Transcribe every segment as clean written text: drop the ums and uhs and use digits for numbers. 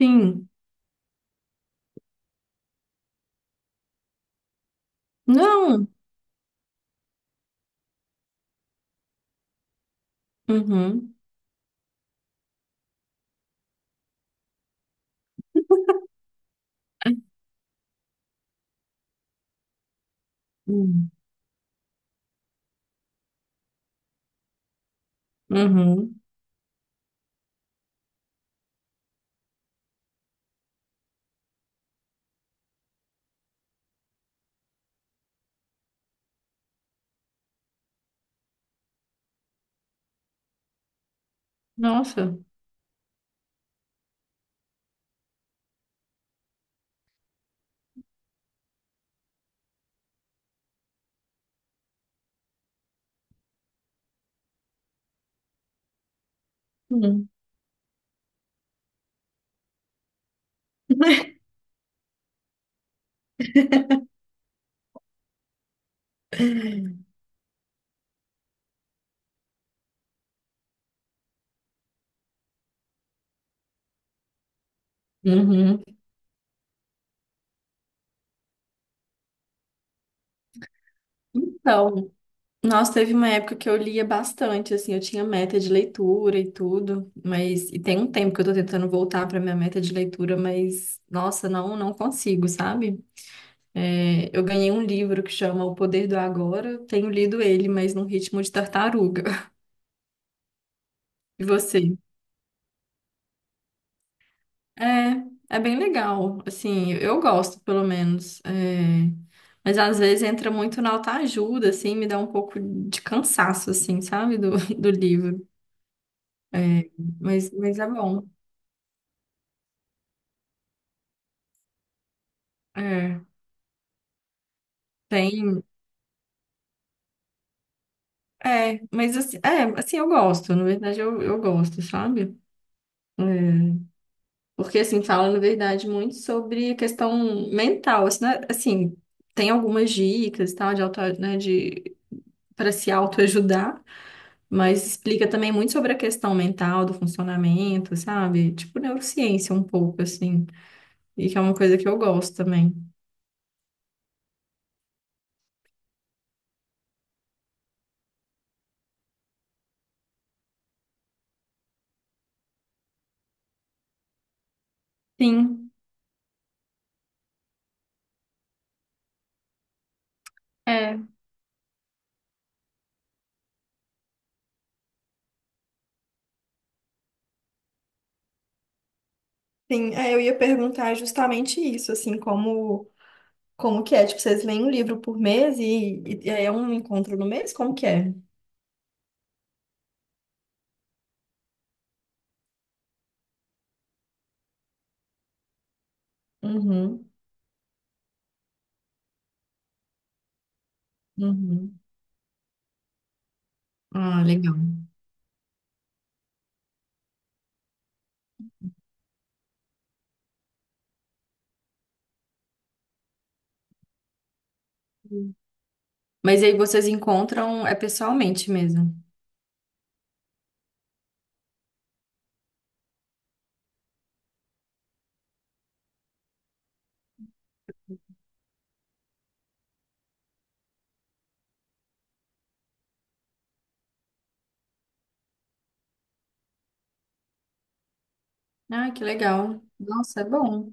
Sim. Não. Uhum. Hum. Uhum. Nossa. Hum. Uhum. Então, nossa, teve uma época que eu lia bastante, assim, eu tinha meta de leitura e tudo, mas e tem um tempo que eu tô tentando voltar pra minha meta de leitura, mas nossa, não consigo, sabe? É, eu ganhei um livro que chama O Poder do Agora, tenho lido ele, mas num ritmo de tartaruga. E você? É, é bem legal, assim, eu gosto, pelo menos. É. Mas às vezes entra muito na autoajuda, assim, me dá um pouco de cansaço, assim, sabe, do livro. É, mas é bom. É, tem. É, mas assim, é, assim, eu gosto, na verdade, eu gosto, sabe? É, porque, assim, fala, na verdade, muito sobre questão mental, assim, né, assim, tem algumas dicas, e tal, de auto, né, de, para se autoajudar. Mas explica também muito sobre a questão mental do funcionamento, sabe? Tipo neurociência um pouco, assim. E que é uma coisa que eu gosto também. Sim, é. Sim, é, eu ia perguntar justamente isso, assim, como, como que é? Tipo, vocês leem um livro por mês e é um encontro no mês? Como que é? Uhum, uhum. Ah, legal. Mas aí vocês encontram é pessoalmente mesmo. Ah, que legal. Nossa, é bom.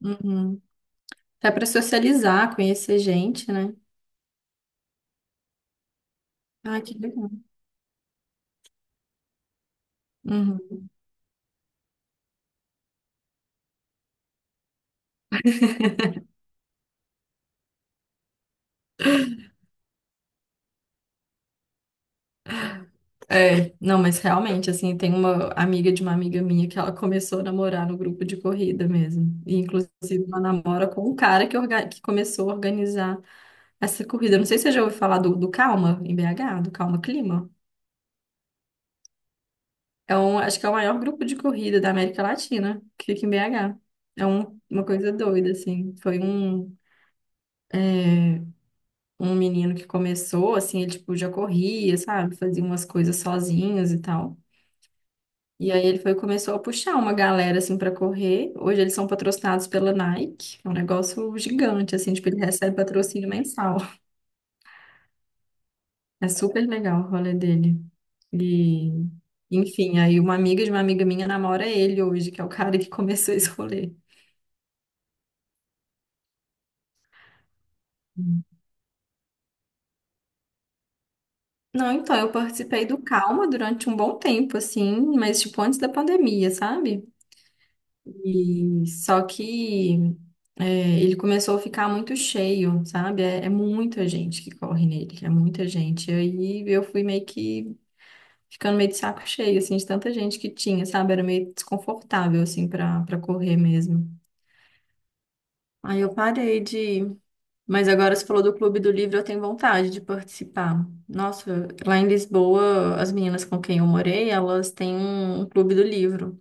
Uhum. Até para socializar, conhecer gente, né? Ah, que legal. Uhum. É, não, mas realmente, assim, tem uma amiga de uma amiga minha que ela começou a namorar no grupo de corrida mesmo. E, inclusive, ela namora com um cara que, que começou a organizar essa corrida. Eu não sei se você já ouviu falar do, do Calma, em BH, do Calma Clima. É um, acho que é o maior grupo de corrida da América Latina, que fica em BH. É uma coisa doida, assim. É, Um menino que começou, assim, ele, tipo, já corria, sabe? Fazia umas coisas sozinhos e tal. E aí ele foi e começou a puxar uma galera assim para correr. Hoje eles são patrocinados pela Nike. É um negócio gigante assim, tipo, ele recebe patrocínio mensal. É super legal o rolê dele. E enfim, aí uma amiga de uma amiga minha namora ele hoje, que é o cara que começou esse rolê. Não, então eu participei do Calma durante um bom tempo assim, mas tipo antes da pandemia, sabe? E só que é, ele começou a ficar muito cheio, sabe? É muita gente que corre nele, é muita gente. E aí eu fui meio que ficando meio de saco cheio, assim, de tanta gente que tinha, sabe? Era meio desconfortável, assim, pra correr mesmo. Aí eu parei de. Mas agora você falou do Clube do Livro, eu tenho vontade de participar. Nossa, lá em Lisboa, as meninas com quem eu morei, elas têm um clube do livro.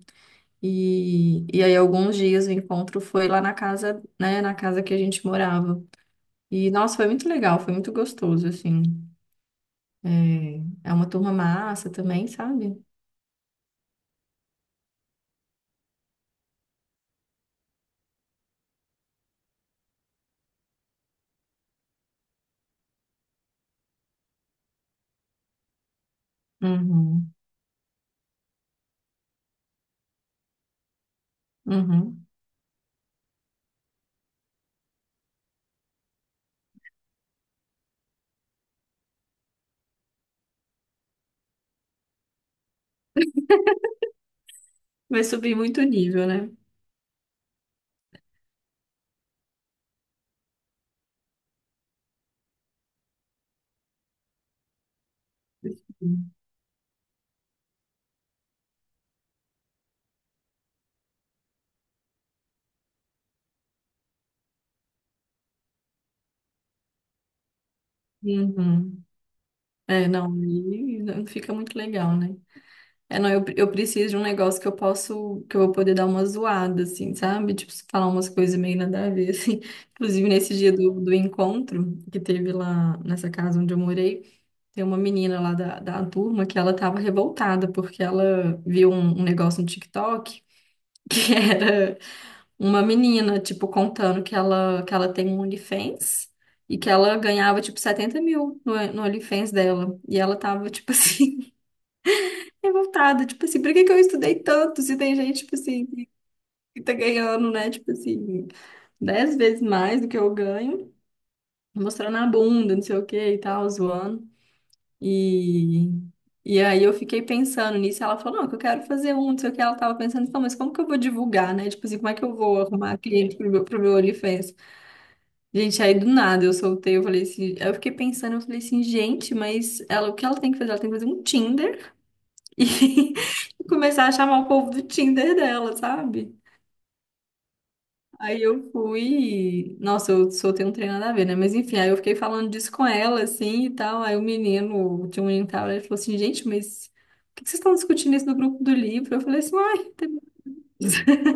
E aí, alguns dias o encontro foi lá na casa, né, na casa que a gente morava. E, nossa, foi muito legal, foi muito gostoso, assim. É, é uma turma massa também, sabe? Uhum, uhum. Vai subir muito o nível, né? Uhum. É, não, aí não fica muito legal, né? É, não, eu preciso de um negócio que eu posso, que eu vou poder dar uma zoada, assim, sabe? Tipo, falar umas coisas meio nada a ver, assim. Inclusive, nesse dia do encontro que teve lá nessa casa onde eu morei, tem uma menina lá da turma que ela tava revoltada porque ela viu um negócio no TikTok que era uma menina, tipo, contando que que ela tem um OnlyFans e que ela ganhava, tipo, 70 mil no OnlyFans dela. E ela tava, tipo assim, revoltada, tipo assim, por que que eu estudei tanto se tem gente, tipo assim, que tá ganhando, né, tipo assim, 10 vezes mais do que eu ganho, mostrando a bunda, não sei o que e tal, zoando. E, e aí eu fiquei pensando nisso, ela falou, não, que eu quero fazer um, não sei o que, ela tava pensando, então, mas como que eu vou divulgar, né? Tipo assim, como é que eu vou arrumar cliente pro meu OnlyFans? Gente, aí do nada eu soltei, eu falei assim, aí eu fiquei pensando, eu falei assim, gente, mas ela, o que ela tem que fazer? Ela tem que fazer um Tinder e começar a chamar o povo do Tinder dela, sabe? Aí eu fui. Nossa, eu soltei um trem nada a ver, né? Mas enfim, aí eu fiquei falando disso com ela, assim e tal. Aí o menino, tinha um menino que tava lá, ele falou assim: gente, mas por que que vocês estão discutindo isso no grupo do livro? Eu falei assim: uai. Tem-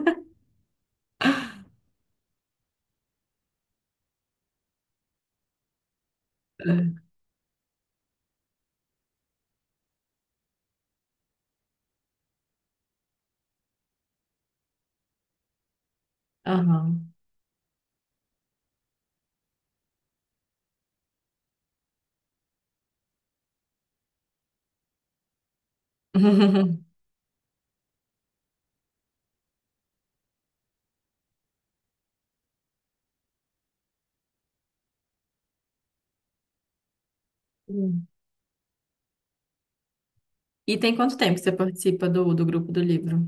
Aham. Hum. E tem quanto tempo que você participa do grupo do livro?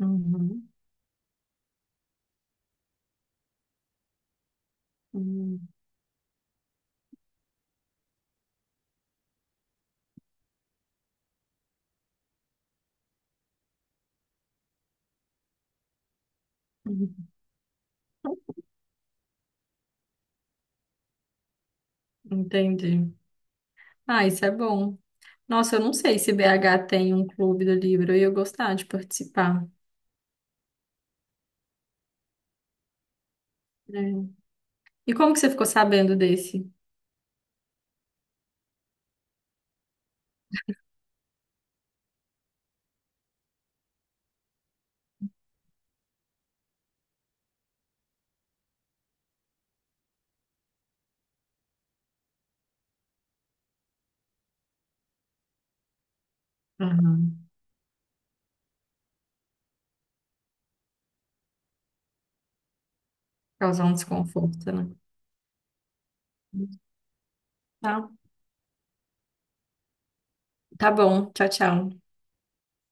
Uhum. Uhum. Uhum. Entendi. Ah, isso é bom. Nossa, eu não sei se BH tem um clube do livro, e eu ia gostar de participar. É. E como que você ficou sabendo desse? Causar um desconforto, né? Tá, tá bom. Tchau, tchau.